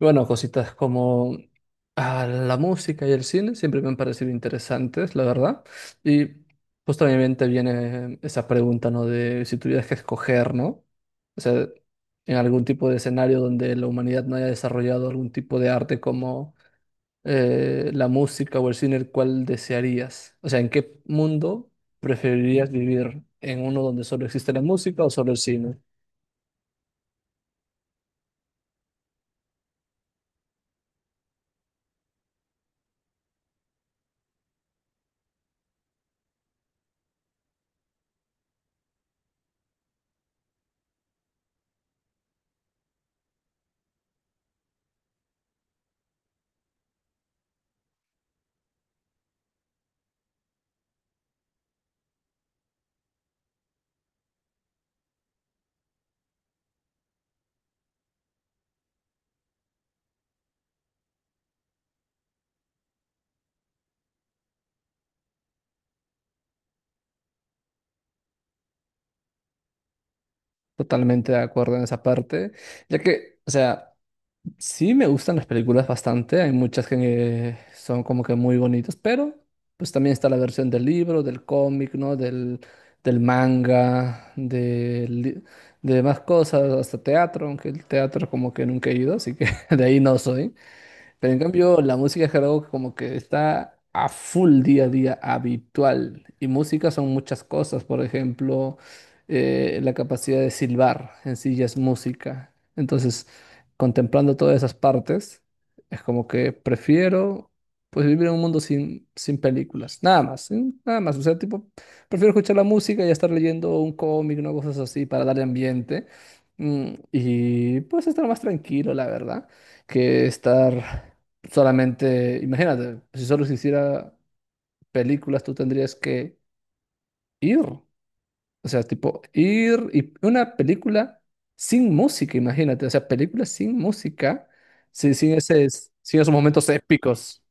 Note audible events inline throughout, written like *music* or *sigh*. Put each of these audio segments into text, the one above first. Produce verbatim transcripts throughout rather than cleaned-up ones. Bueno, cositas como ah, la música y el cine siempre me han parecido interesantes, la verdad. Y pues también te viene esa pregunta, ¿no? De si tuvieras que escoger, ¿no? O sea, en algún tipo de escenario donde la humanidad no haya desarrollado algún tipo de arte como eh, la música o el cine, ¿cuál desearías? O sea, ¿en qué mundo preferirías vivir? ¿En uno donde solo existe la música o solo el cine? Totalmente de acuerdo en esa parte, ya que, o sea... Sí, me gustan las películas bastante. Hay muchas que eh, son como que muy bonitas, pero pues también está la versión del libro, del cómic, ¿no? Del, del manga, del li- de, más cosas, hasta teatro, aunque el teatro como que nunca he ido, así que *laughs* de ahí no soy. Pero en cambio, la música de karaoke como que está a full día a día habitual. Y música son muchas cosas. Por ejemplo, eh, la capacidad de silbar en sí ya es música. Entonces, contemplando todas esas partes, es como que prefiero pues vivir en un mundo sin, sin películas. Nada más, sin- nada más. O sea, tipo, prefiero escuchar la música y estar leyendo un cómic, ¿no? Cosas así para darle ambiente. Mm, y pues estar más tranquilo, la verdad que estar solamente, imagínate, si solo se hiciera películas, tú tendrías que ir, o sea, tipo ir y una película sin música, imagínate, o sea, películas sin música, sin, sin ese, sin esos momentos épicos.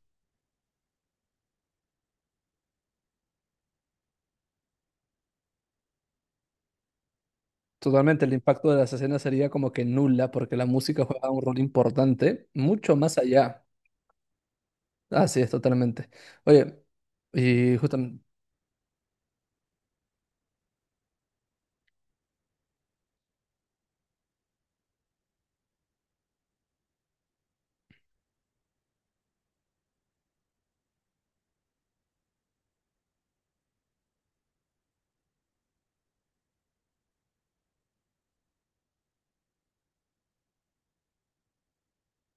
Totalmente, el impacto de las escenas sería como que nula, porque la música juega un rol importante, mucho más allá. Así es, totalmente. Oye, y justamente,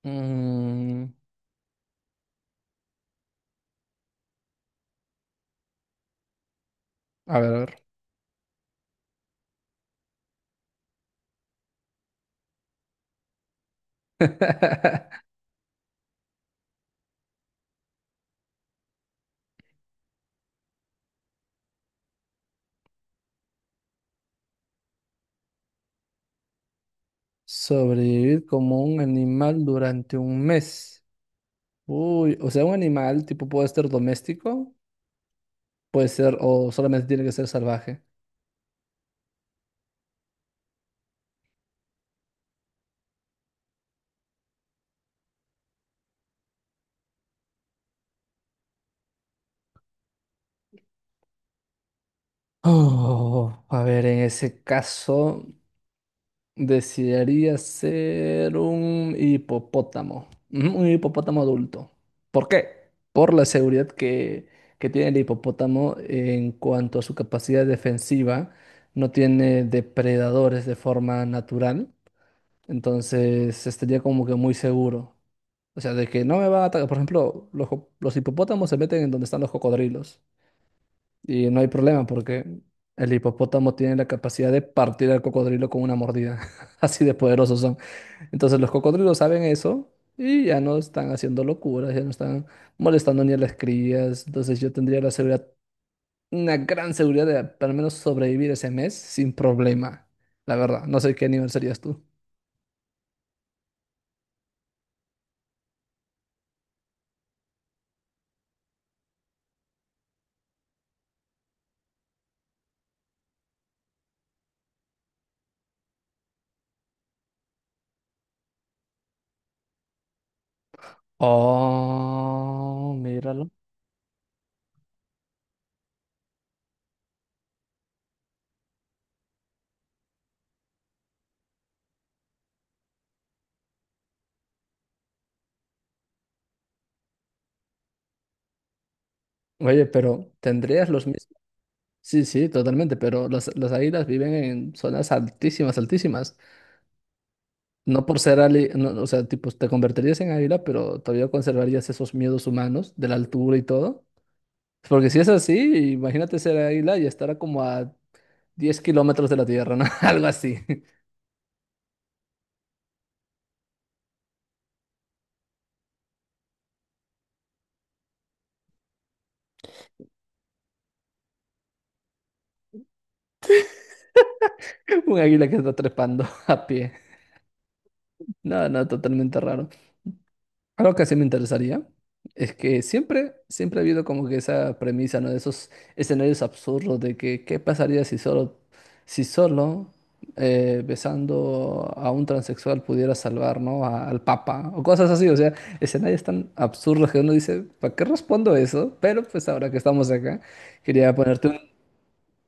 mm, a ver, a ver. *laughs* Sobrevivir como un animal durante un mes. Uy, o sea, un animal tipo puede ser doméstico, puede ser o solamente tiene que ser salvaje. Oh, a ver, en ese caso desearía ser un hipopótamo. Ujú, un hipopótamo adulto. ¿Por qué? Por la seguridad que, que tiene el hipopótamo en cuanto a su capacidad defensiva. No tiene depredadores de forma natural. Entonces estaría como que muy seguro. O sea, de que no me va a atacar. Por ejemplo, los, jo- los hipopótamos se meten en donde están los cocodrilos. Y no hay problema porque el hipopótamo tiene la capacidad de partir al cocodrilo con una mordida. *laughs* Así de poderosos son. Entonces los cocodrilos saben eso y ya no están haciendo locuras, ya no están molestando ni a las crías. Entonces yo tendría la seguridad, una gran seguridad de al menos sobrevivir ese mes sin problema. La verdad, no sé qué nivel serías tú. Oh, míralo. Oye, pero ¿tendrías los mismos? Sí, sí, totalmente, pero las, las águilas viven en zonas altísimas, altísimas. No por ser ali, no, o sea, tipo, te convertirías en águila, pero todavía conservarías esos miedos humanos de la altura y todo. Porque si es así, imagínate ser águila y estar a como a diez kilómetros de la tierra, ¿no? *laughs* Algo así. *laughs* Un águila que está trepando *laughs* a pie. No, no, totalmente raro. Algo que sí me interesaría es que siempre, siempre ha habido como que esa premisa, ¿no? De esos escenarios absurdos de que qué pasaría si solo, si solo eh, besando a un transexual pudiera salvar, ¿no? a- al Papa o cosas así, o sea, escenarios tan absurdos que uno dice, ¿para qué respondo eso? Pero pues ahora que estamos acá, quería ponerte un...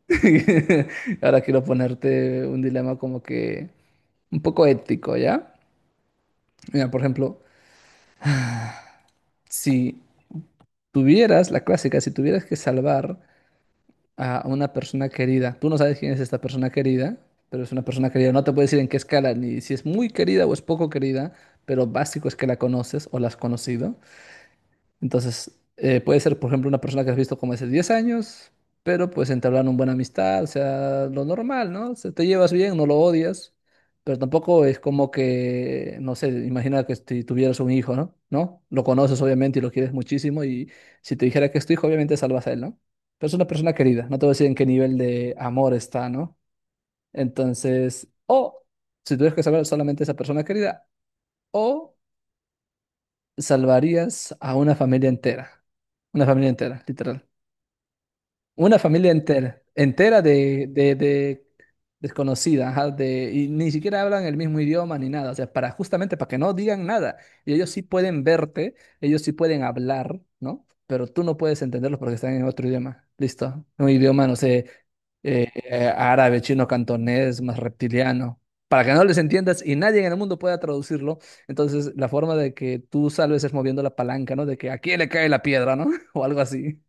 *laughs* ahora quiero ponerte un dilema como que un poco ético, ¿ya? Mira, por ejemplo, si tuvieras, la clásica, si tuvieras que salvar a una persona querida, tú no sabes quién es esta persona querida, pero es una persona querida, no te puedo decir en qué escala, ni si es muy querida o es poco querida, pero básico es que la conoces o la has conocido. Entonces, eh, puede ser, por ejemplo, una persona que has visto como hace diez años, pero pues entablaron una buena amistad, o sea, lo normal, ¿no? Se te llevas bien, no lo odias, pero tampoco es como que, no sé, imagina que si tuvieras un hijo, ¿no? ¿No? Lo conoces obviamente y lo quieres muchísimo y si te dijera que es tu hijo, obviamente salvas a él, ¿no? Pero es una persona querida, no te voy a decir en qué nivel de amor está, ¿no? Entonces, o si tuvieras que saber solamente esa persona querida, o salvarías a una familia entera. Una familia entera, literal. Una familia entera, entera de, de, de desconocida, ajá, de, y ni siquiera hablan el mismo idioma ni nada, o sea, para justamente para que no digan nada. Y ellos sí pueden verte, ellos sí pueden hablar, ¿no? Pero tú no puedes entenderlos porque están en otro idioma. Listo, un idioma, no sé, eh, eh, árabe, chino, cantonés, más reptiliano. Para que no les entiendas y nadie en el mundo pueda traducirlo, entonces la forma de que tú salves es moviendo la palanca, ¿no? De que a quién le cae la piedra, ¿no? *laughs* O algo así.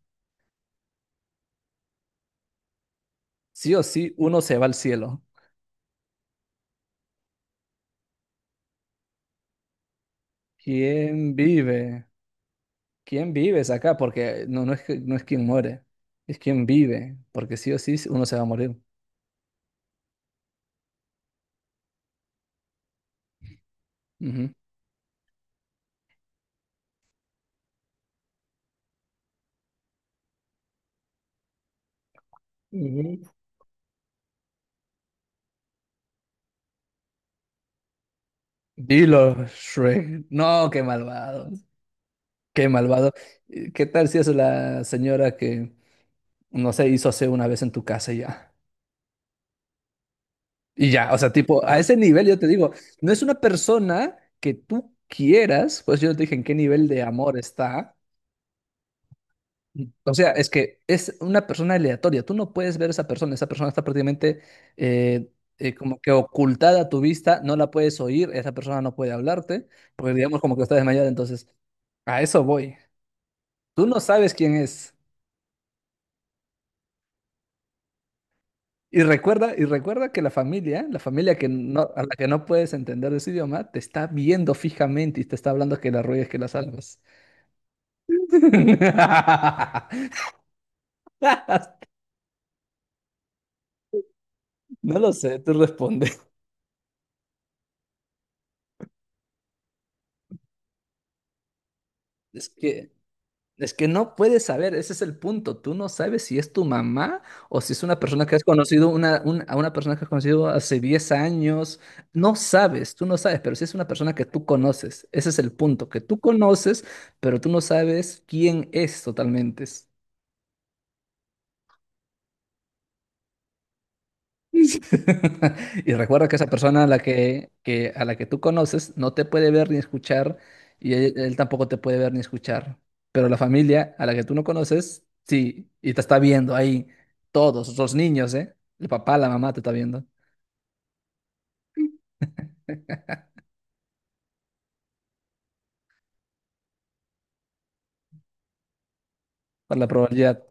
Sí o sí, uno se va al cielo. ¿Quién vive? ¿Quién vives acá? Porque no, no es, que- no es quien muere, es quien vive, porque sí o sí sí, uno se va a morir. Ujú. Ujú. Dilo, Shrek. No, qué malvado. Qué malvado. Eh, ¿Qué tal si es la señora que, no sé, hizo hace una vez en tu casa y ya? Y ya, o sea, tipo, a ese nivel yo te digo, no es una persona que tú quieras, pues yo no te dije en qué nivel de amor está. O sea, es que es una persona aleatoria. Tú no puedes ver a esa persona. Esa persona está prácticamente eh, eh, como que ocultada a tu vista. No la puedes oír. Esa persona no puede hablarte. Porque digamos como que está desmayada. Entonces, a eso voy. Tú no sabes quién es. Y recuerda, y recuerda que la familia, la familia que no, a la que no puedes entender ese idioma, te está viendo fijamente y te está hablando que la ruegues, que la salvas. *laughs* No lo sé, tú respondes. Es que es que no puedes saber, ese es el punto. Tú no sabes si es tu mamá o si es una persona que has conocido, una, un- a una persona que has conocido hace diez años. No sabes, tú no sabes, pero si es una persona que tú conoces, ese es el punto, que tú conoces, pero tú no sabes quién es totalmente. *laughs* Y recuerda que esa persona a la que, que- a la que tú conoces no te puede ver ni escuchar y él, él tampoco te puede ver ni escuchar. Pero la familia a la que tú no conoces, sí, y te está viendo ahí todos, los niños, ¿eh? El papá, la mamá te está viendo, por la probabilidad.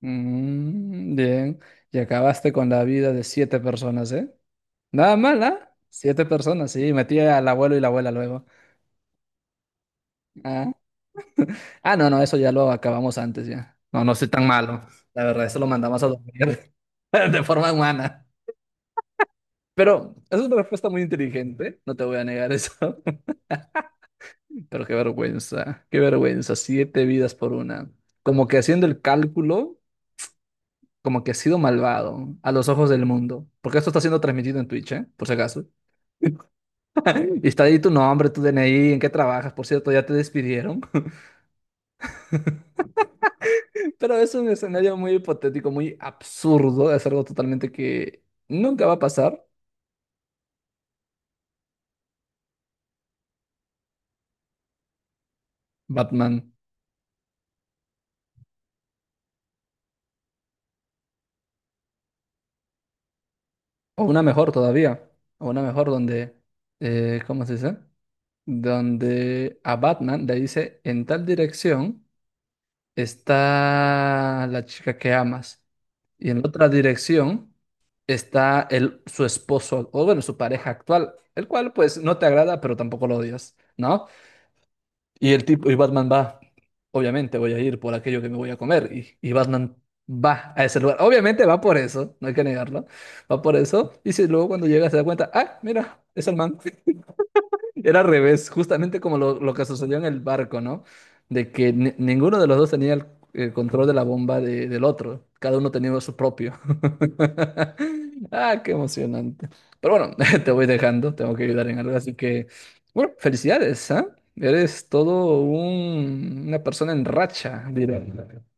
Mm, bien, y acabaste con la vida de siete personas, ¿eh? Nada mal, ¿ah? Siete personas, sí, metí al abuelo y la abuela luego. Ah. Ah, no, no, eso ya lo acabamos antes ya. No, no soy tan malo. La verdad, eso lo mandamos a dormir *laughs* de forma humana. Pero es una respuesta muy inteligente, no te voy a negar eso. *laughs* Pero qué vergüenza, qué vergüenza, siete vidas por una. Como que haciendo el cálculo, como que ha sido malvado a los ojos del mundo. Porque esto está siendo transmitido en Twitch, ¿eh? Por si acaso. *laughs* Y está ahí tu nombre, tu D N I, en qué trabajas. Por cierto, ya te despidieron. Pero es un escenario muy hipotético, muy absurdo, es algo totalmente que nunca va a pasar. Batman. O una mejor todavía. O una mejor donde, eh, ¿cómo se dice? Donde a Batman le dice, en tal dirección está la chica que amas. Y en otra dirección está el, su esposo, o bueno, su pareja actual, el cual pues no te agrada, pero tampoco lo odias, ¿no? Y el tipo, y Batman va, obviamente voy a ir por aquello que me voy a comer. Y, y Batman va a ese lugar. Obviamente va por eso, no hay que negarlo. Va por eso. Y si luego cuando llega se da cuenta, ah, mira, es el man. Era al revés, justamente como lo, lo que sucedió en el barco, ¿no? De que ni- ninguno de los dos tenía el, el control de la bomba de- del otro. Cada uno tenía su propio. *laughs* Ah, qué emocionante. Pero bueno, *laughs* te voy dejando, tengo que ayudar en algo. Así que, bueno, felicidades, ¿ah? Eres todo un- una persona en racha, diré.